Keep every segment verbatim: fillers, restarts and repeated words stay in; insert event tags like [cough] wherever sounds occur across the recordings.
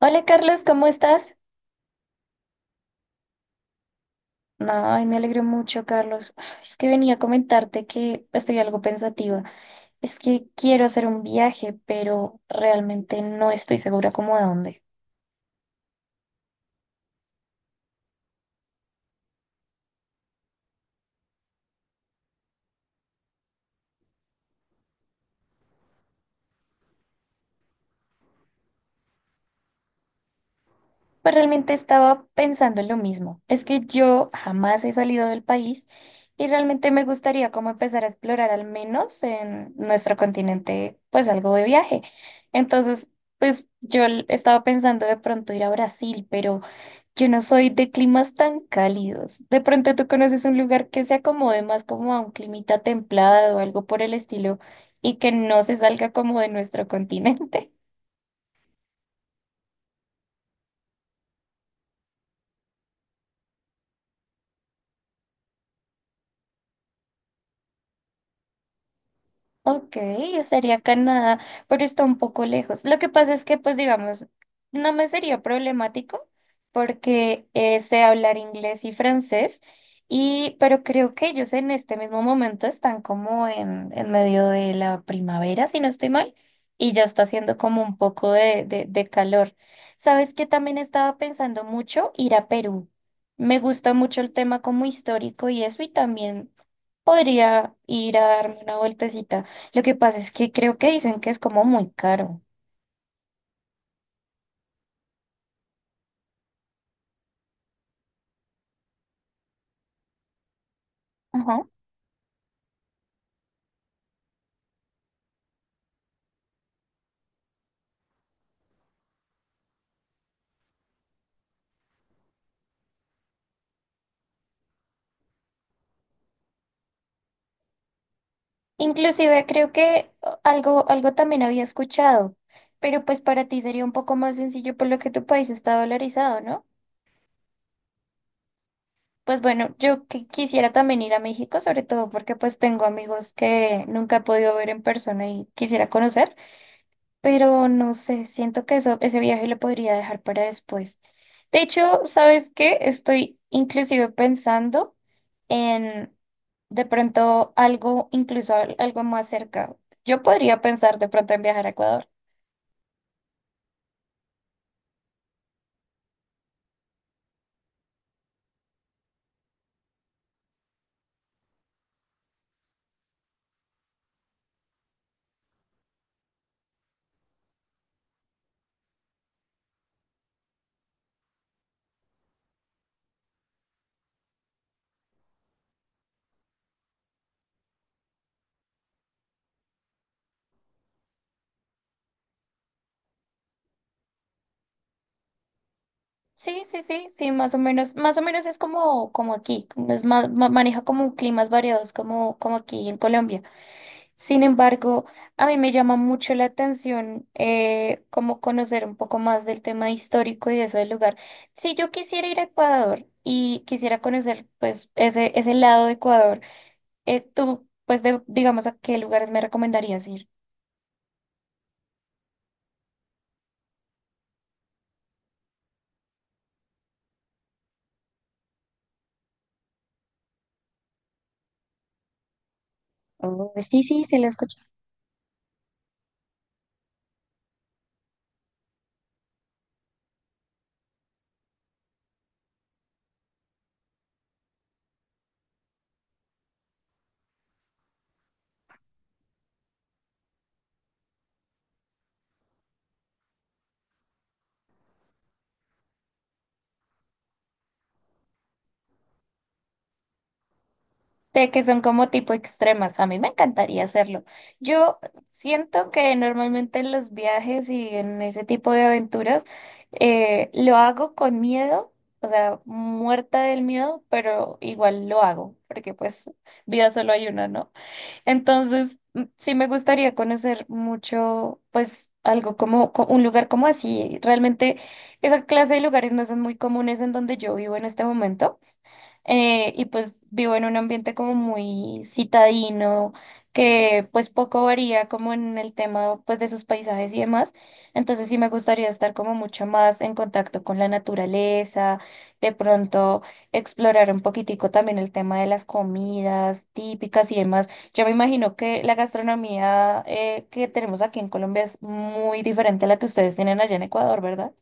Hola Carlos, ¿cómo estás? No, ay, me alegro mucho, Carlos. [sighs] Ay, es que venía a comentarte que estoy algo pensativa. Es que quiero hacer un viaje, pero realmente no estoy segura como a dónde. Pues realmente estaba pensando en lo mismo. Es que yo jamás he salido del país y realmente me gustaría como empezar a explorar al menos en nuestro continente, pues algo de viaje. Entonces, pues yo l- estaba pensando de pronto ir a Brasil, pero yo no soy de climas tan cálidos. De pronto tú conoces un lugar que se acomode más como a un climita templado o algo por el estilo y que no se salga como de nuestro [laughs] continente. Ok, sería Canadá, pero está un poco lejos. Lo que pasa es que, pues digamos, no me sería problemático porque eh, sé hablar inglés y francés, y, pero creo que ellos en este mismo momento están como en, en medio de la primavera, si no estoy mal, y ya está haciendo como un poco de, de, de calor. ¿Sabes? Que También estaba pensando mucho ir a Perú. Me gusta mucho el tema como histórico y eso, y también podría ir a darme una vueltecita. Lo que pasa es que creo que dicen que es como muy caro. Ajá. Inclusive creo que uh, algo, algo también había escuchado, pero pues para ti sería un poco más sencillo por lo que tu país está dolarizado, ¿no? Pues bueno, yo qui- quisiera también ir a México, sobre todo porque pues tengo amigos que nunca he podido ver en persona y quisiera conocer. Pero no sé, siento que eso, ese viaje lo podría dejar para después. De hecho, ¿sabes qué? Estoy inclusive pensando en de pronto algo, incluso al- algo más cerca. Yo podría pensar de pronto en viajar a Ecuador. Sí, sí, sí, sí, más o menos, más o menos es como, como aquí, como es más, ma- maneja como climas variados como, como aquí en Colombia. Sin embargo, a mí me llama mucho la atención eh, como conocer un poco más del tema histórico y de eso del lugar. Si yo quisiera ir a Ecuador y quisiera conocer pues ese, ese lado de Ecuador, eh, tú pues de- digamos a qué lugares me recomendarías ir. Oh, sí, sí, se lo escucho. De que son como tipo extremas. A mí me encantaría hacerlo. Yo siento que normalmente en los viajes y en ese tipo de aventuras eh, lo hago con miedo, o sea, muerta del miedo, pero igual lo hago, porque pues vida solo hay una, ¿no? Entonces, mm, sí me gustaría conocer mucho, pues algo como co- un lugar como así. Realmente esa clase de lugares no son muy comunes en donde yo vivo en este momento, eh, y pues vivo en un ambiente como muy citadino, que pues poco varía como en el tema pues de sus paisajes y demás. Entonces sí me gustaría estar como mucho más en contacto con la naturaleza, de pronto explorar un poquitico también el tema de las comidas típicas y demás. Yo me imagino que la gastronomía eh, que tenemos aquí en Colombia es muy diferente a la que ustedes tienen allá en Ecuador, ¿verdad?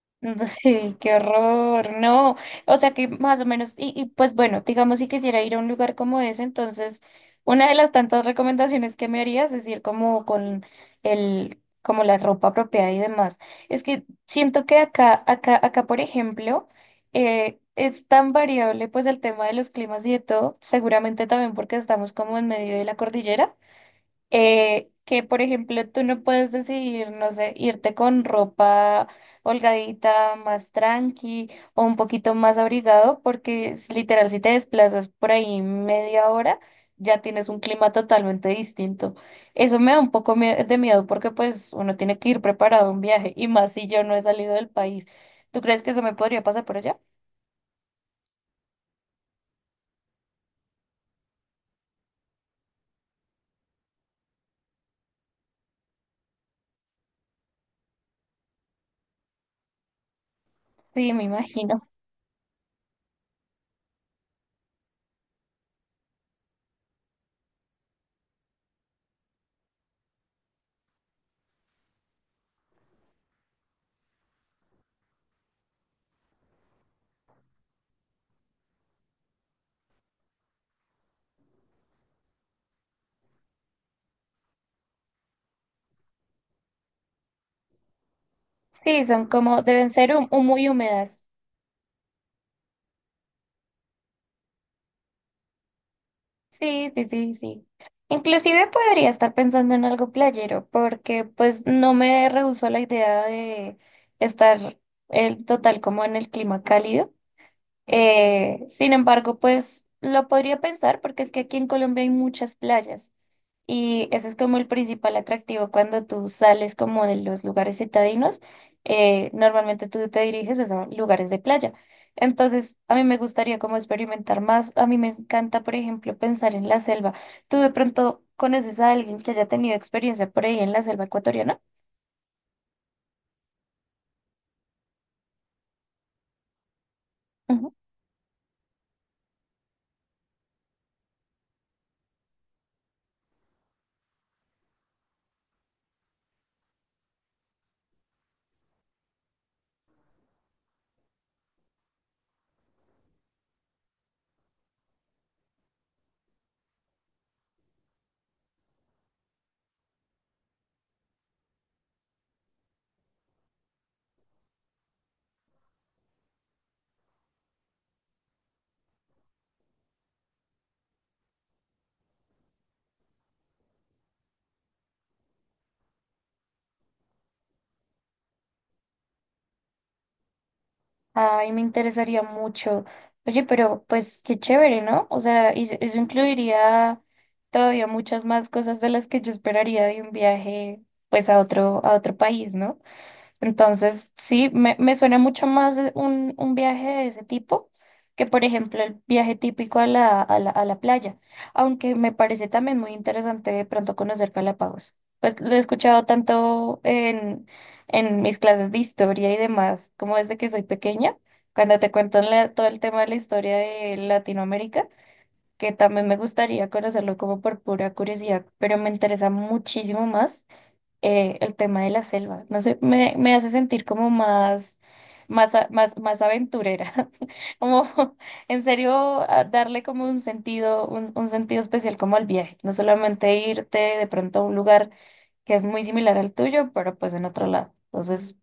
[laughs] No sé, qué horror, no. O sea que más o menos, y, y pues bueno, digamos si quisiera ir a un lugar como ese, entonces una de las tantas recomendaciones que me harías es ir como con el, como la ropa apropiada y demás. Es que siento que acá, acá, acá, por ejemplo, eh, es tan variable pues el tema de los climas y de todo, seguramente también porque estamos como en medio de la cordillera eh, que, por ejemplo, tú no puedes decidir, no sé, irte con ropa holgadita, más tranqui o un poquito más abrigado, porque es literal, si te desplazas por ahí media hora, ya tienes un clima totalmente distinto. Eso me da un poco mie- de miedo porque pues uno tiene que ir preparado a un viaje y más si yo no he salido del país. ¿Tú crees que eso me podría pasar por allá? Sí, me imagino. Sí, son como, deben ser hum- muy húmedas. Sí, sí, sí, sí. Inclusive podría estar pensando en algo playero, porque pues no me rehusó la idea de estar el total como en el clima cálido. Eh, sin embargo, pues lo podría pensar porque es que aquí en Colombia hay muchas playas. Y ese es como el principal atractivo cuando tú sales como de los lugares citadinos. eh, normalmente tú te diriges es a lugares de playa. Entonces, a mí me gustaría como experimentar más. A mí me encanta, por ejemplo, pensar en la selva. ¿Tú de pronto conoces a alguien que haya tenido experiencia por ahí en la selva ecuatoriana? Ay, me interesaría mucho. Oye, pero pues qué chévere, ¿no? O sea, y eso incluiría todavía muchas más cosas de las que yo esperaría de un viaje, pues a otro, a otro país, ¿no? Entonces, sí, me, me suena mucho más de un, un viaje de ese tipo que, por ejemplo, el viaje típico a la, a la, a la playa, aunque me parece también muy interesante de pronto conocer Galápagos. Pues lo he escuchado tanto en, en mis clases de historia y demás, como desde que soy pequeña, cuando te cuentan la- todo el tema de la historia de Latinoamérica, que también me gustaría conocerlo como por pura curiosidad, pero me interesa muchísimo más eh, el tema de la selva. No sé, me, me hace sentir como más, más, a- más, más aventurera. [laughs] Como en serio a darle como un sentido, un, un sentido especial como al viaje. No solamente irte de pronto a un lugar que es muy similar al tuyo, pero pues en otro lado. Entonces,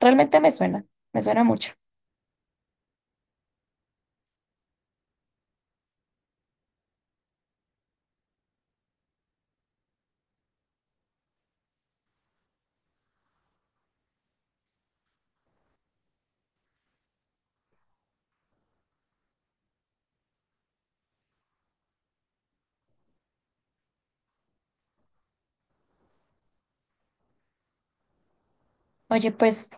realmente me suena, me suena mucho. Oye, pues,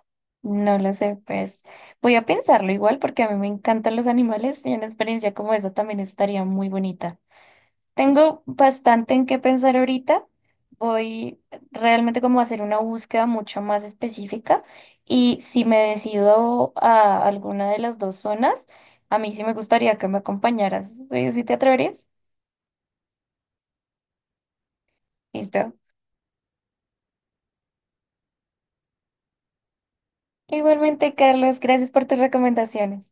no lo sé, pues voy a pensarlo igual porque a mí me encantan los animales y una experiencia como esa también estaría muy bonita. Tengo bastante en qué pensar ahorita. Voy realmente como a hacer una búsqueda mucho más específica y si me decido a alguna de las dos zonas, a mí sí me gustaría que me acompañaras. ¿Sí, sí te atreverías? Listo. Igualmente, Carlos, gracias por tus recomendaciones.